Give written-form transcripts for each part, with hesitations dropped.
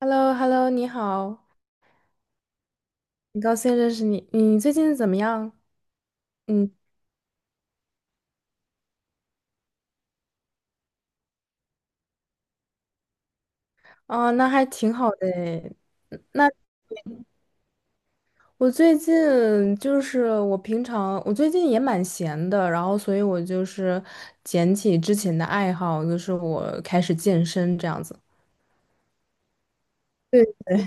hello hello 你好，很高兴认识你。你最近怎么样？嗯，哦，那还挺好的诶。那我最近就是我平常我最近也蛮闲的，然后所以我就是捡起之前的爱好，就是我开始健身这样子。对对。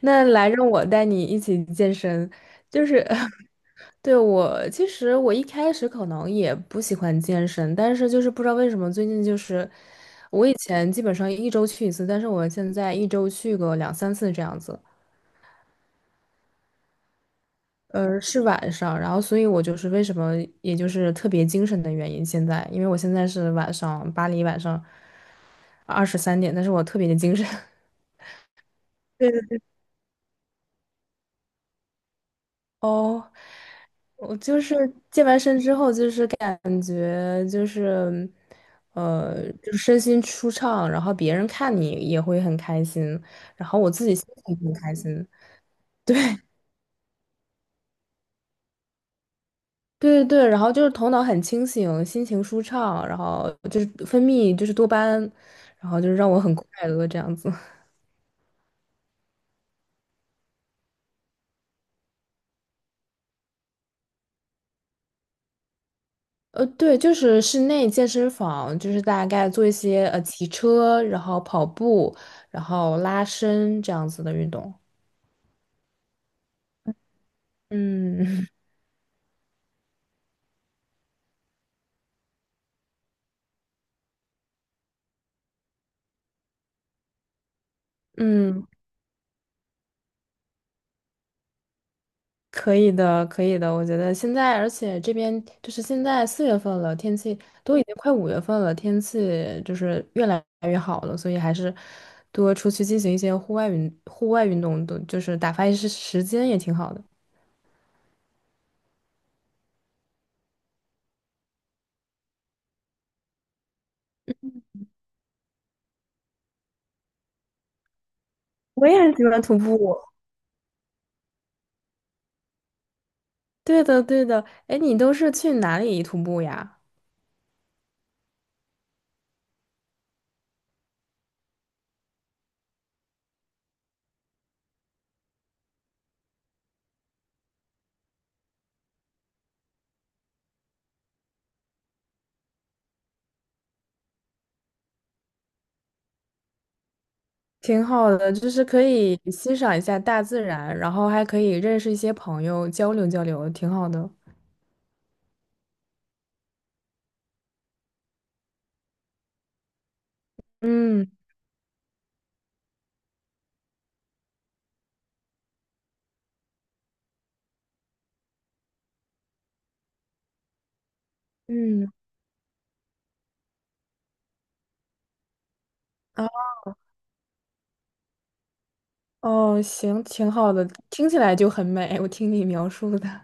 那来让我带你一起健身，就是 对。我其实一开始可能也不喜欢健身，但是就是不知道为什么最近就是我以前基本上一周去一次，但是我现在一周去个两三次这样子。是晚上，然后所以我就是为什么也就是特别精神的原因。现在因为我现在是晚上巴黎晚上23点，但是我特别的精神。对。哦，我就是健完身之后，就是感觉就是，就是身心舒畅，然后别人看你也会很开心，然后我自己心情也很开心。对 对对，然后就是头脑很清醒，心情舒畅，然后就是分泌就是多巴胺，然后就是让我很快乐这样子。对，就是室内健身房，就是大概做一些骑车，然后跑步，然后拉伸这样子的运动。嗯 嗯。可以的，可以的。我觉得现在，而且这边就是现在4月份了，天气都已经快5月份了，天气就是越来越好了，所以还是多出去进行一些户外运动都就是打发一些时间也挺好的。我也很喜欢徒步。对的，对的。哎，你都是去哪里徒步呀？挺好的，就是可以欣赏一下大自然，然后还可以认识一些朋友，交流交流，挺好的。嗯嗯。啊。哦，行，挺好的，听起来就很美。我听你描述的，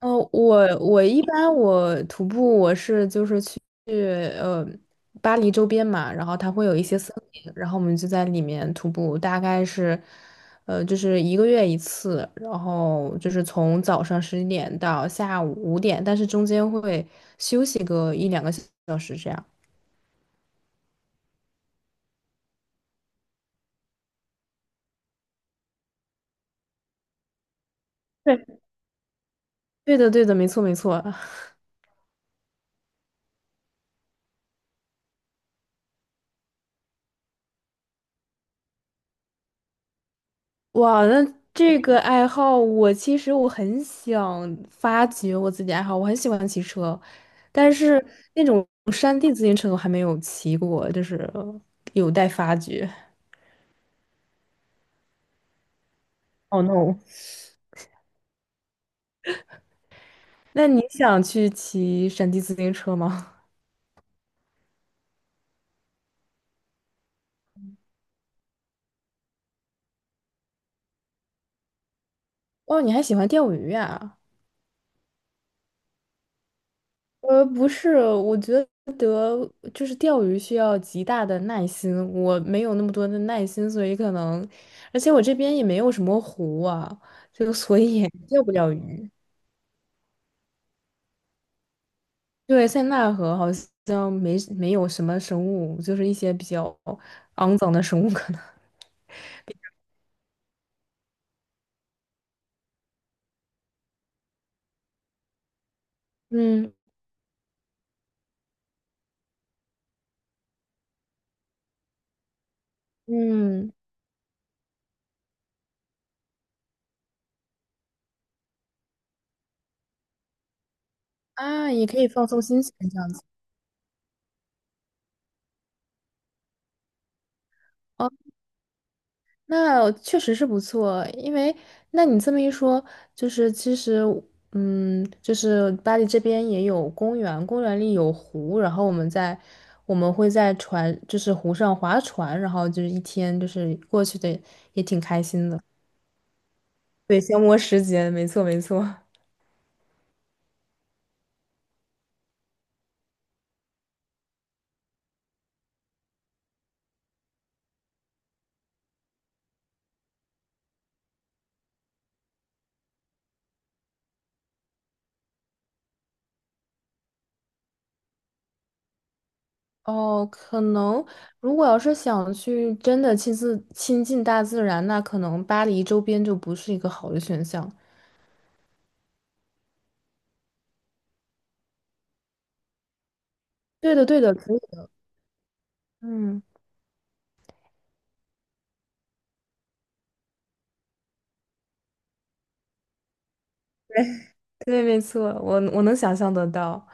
哦，我一般我徒步我是就是去呃巴黎周边嘛，然后它会有一些森林，然后我们就在里面徒步，大概是就是一个月一次，然后就是从早上11点到下午5点，但是中间会休息个一两个小时这样。对，对的，对的，没错，没错。哇，那这个爱好，我其实很想发掘我自己爱好，我很喜欢骑车，但是那种山地自行车我还没有骑过，就是有待发掘。Oh no！那你想去骑山地自行车吗？哦，你还喜欢钓鱼啊？不是，我觉得就是钓鱼需要极大的耐心，我没有那么多的耐心，所以可能，而且我这边也没有什么湖啊，就所以 也钓不了鱼。对，塞纳河好像没有什么生物，就是一些比较肮脏的生物可能。嗯嗯。啊，也可以放松心情这样子。哦，那确实是不错，因为那你这么一说，就是其实就是巴黎这边也有公园，公园里有湖，然后我们会在船，就是湖上划船，然后就是一天就是过去的也挺开心的。对，消磨时间，没错没错。哦，可能如果要是想去真的亲近大自然，那可能巴黎周边就不是一个好的选项。对的，对的，可以的。嗯，对，对，没错，我能想象得到。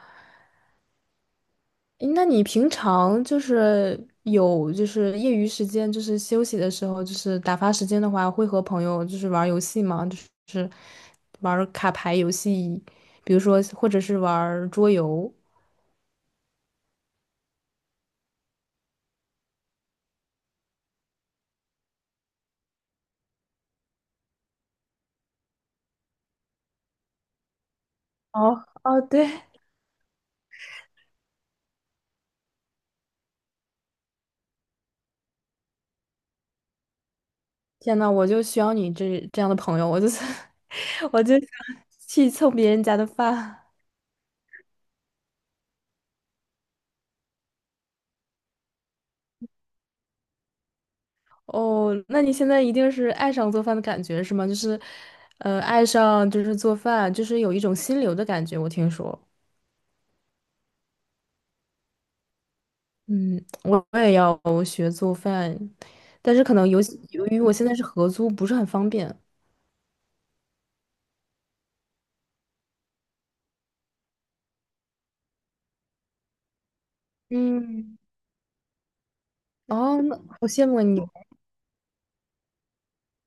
诶那你平常就是有就是业余时间，就是休息的时候，就是打发时间的话，会和朋友就是玩儿游戏吗？就是玩儿卡牌游戏，比如说或者是玩儿桌游。哦哦，对。天呐，我就需要你这样的朋友，我就是 我就想去蹭别人家的饭。哦，那你现在一定是爱上做饭的感觉是吗？就是，爱上就是做饭，就是有一种心流的感觉。我听说，嗯，我也要学做饭，但是可能由于我现在是合租，不是很方便。嗯，哦，那好羡慕啊你，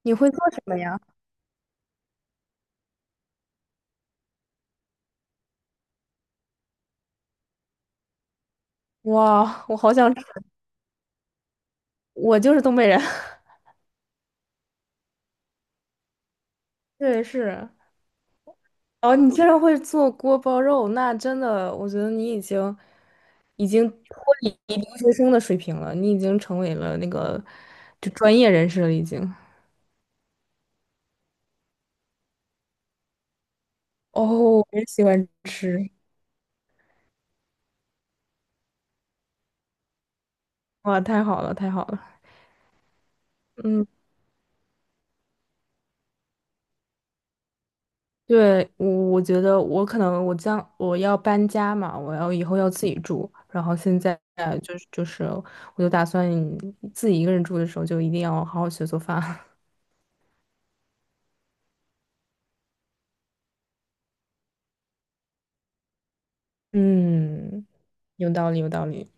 你会做什么呀？哇，我好想吃，我就是东北人。对，是。哦，你竟然会做锅包肉，那真的，我觉得你已经脱离留学生的水平了，你已经成为了那个就专业人士了，已经。哦，我也喜欢吃，哇，太好了，太好了。嗯，对，我觉得我可能我将我要搬家嘛，我要以后要自己住，然后现在就是我就打算自己一个人住的时候，就一定要好好学做饭。嗯，有道理，有道理。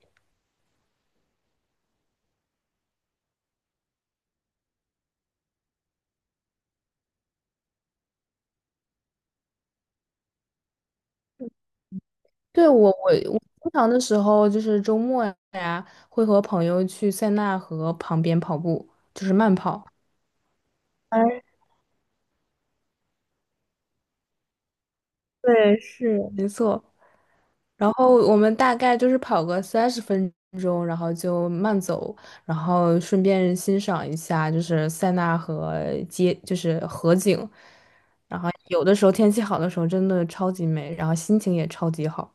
对，我经常的时候就是周末呀，会和朋友去塞纳河旁边跑步，就是慢跑。哎，对，是，没错，然后我们大概就是跑个30分钟，然后就慢走，然后顺便欣赏一下就是塞纳河街，就是河景。然后有的时候天气好的时候真的超级美，然后心情也超级好。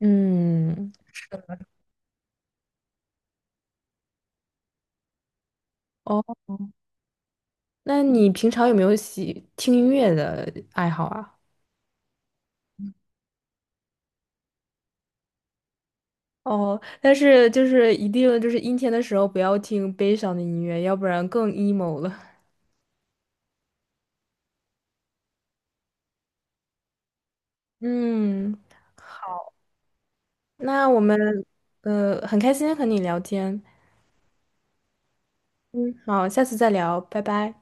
嗯，哦，那你平常有没有喜听音乐的爱好啊？哦，但是就是一定就是阴天的时候不要听悲伤的音乐，要不然更 emo 了。嗯，那我们很开心和你聊天，嗯，好，下次再聊，拜拜。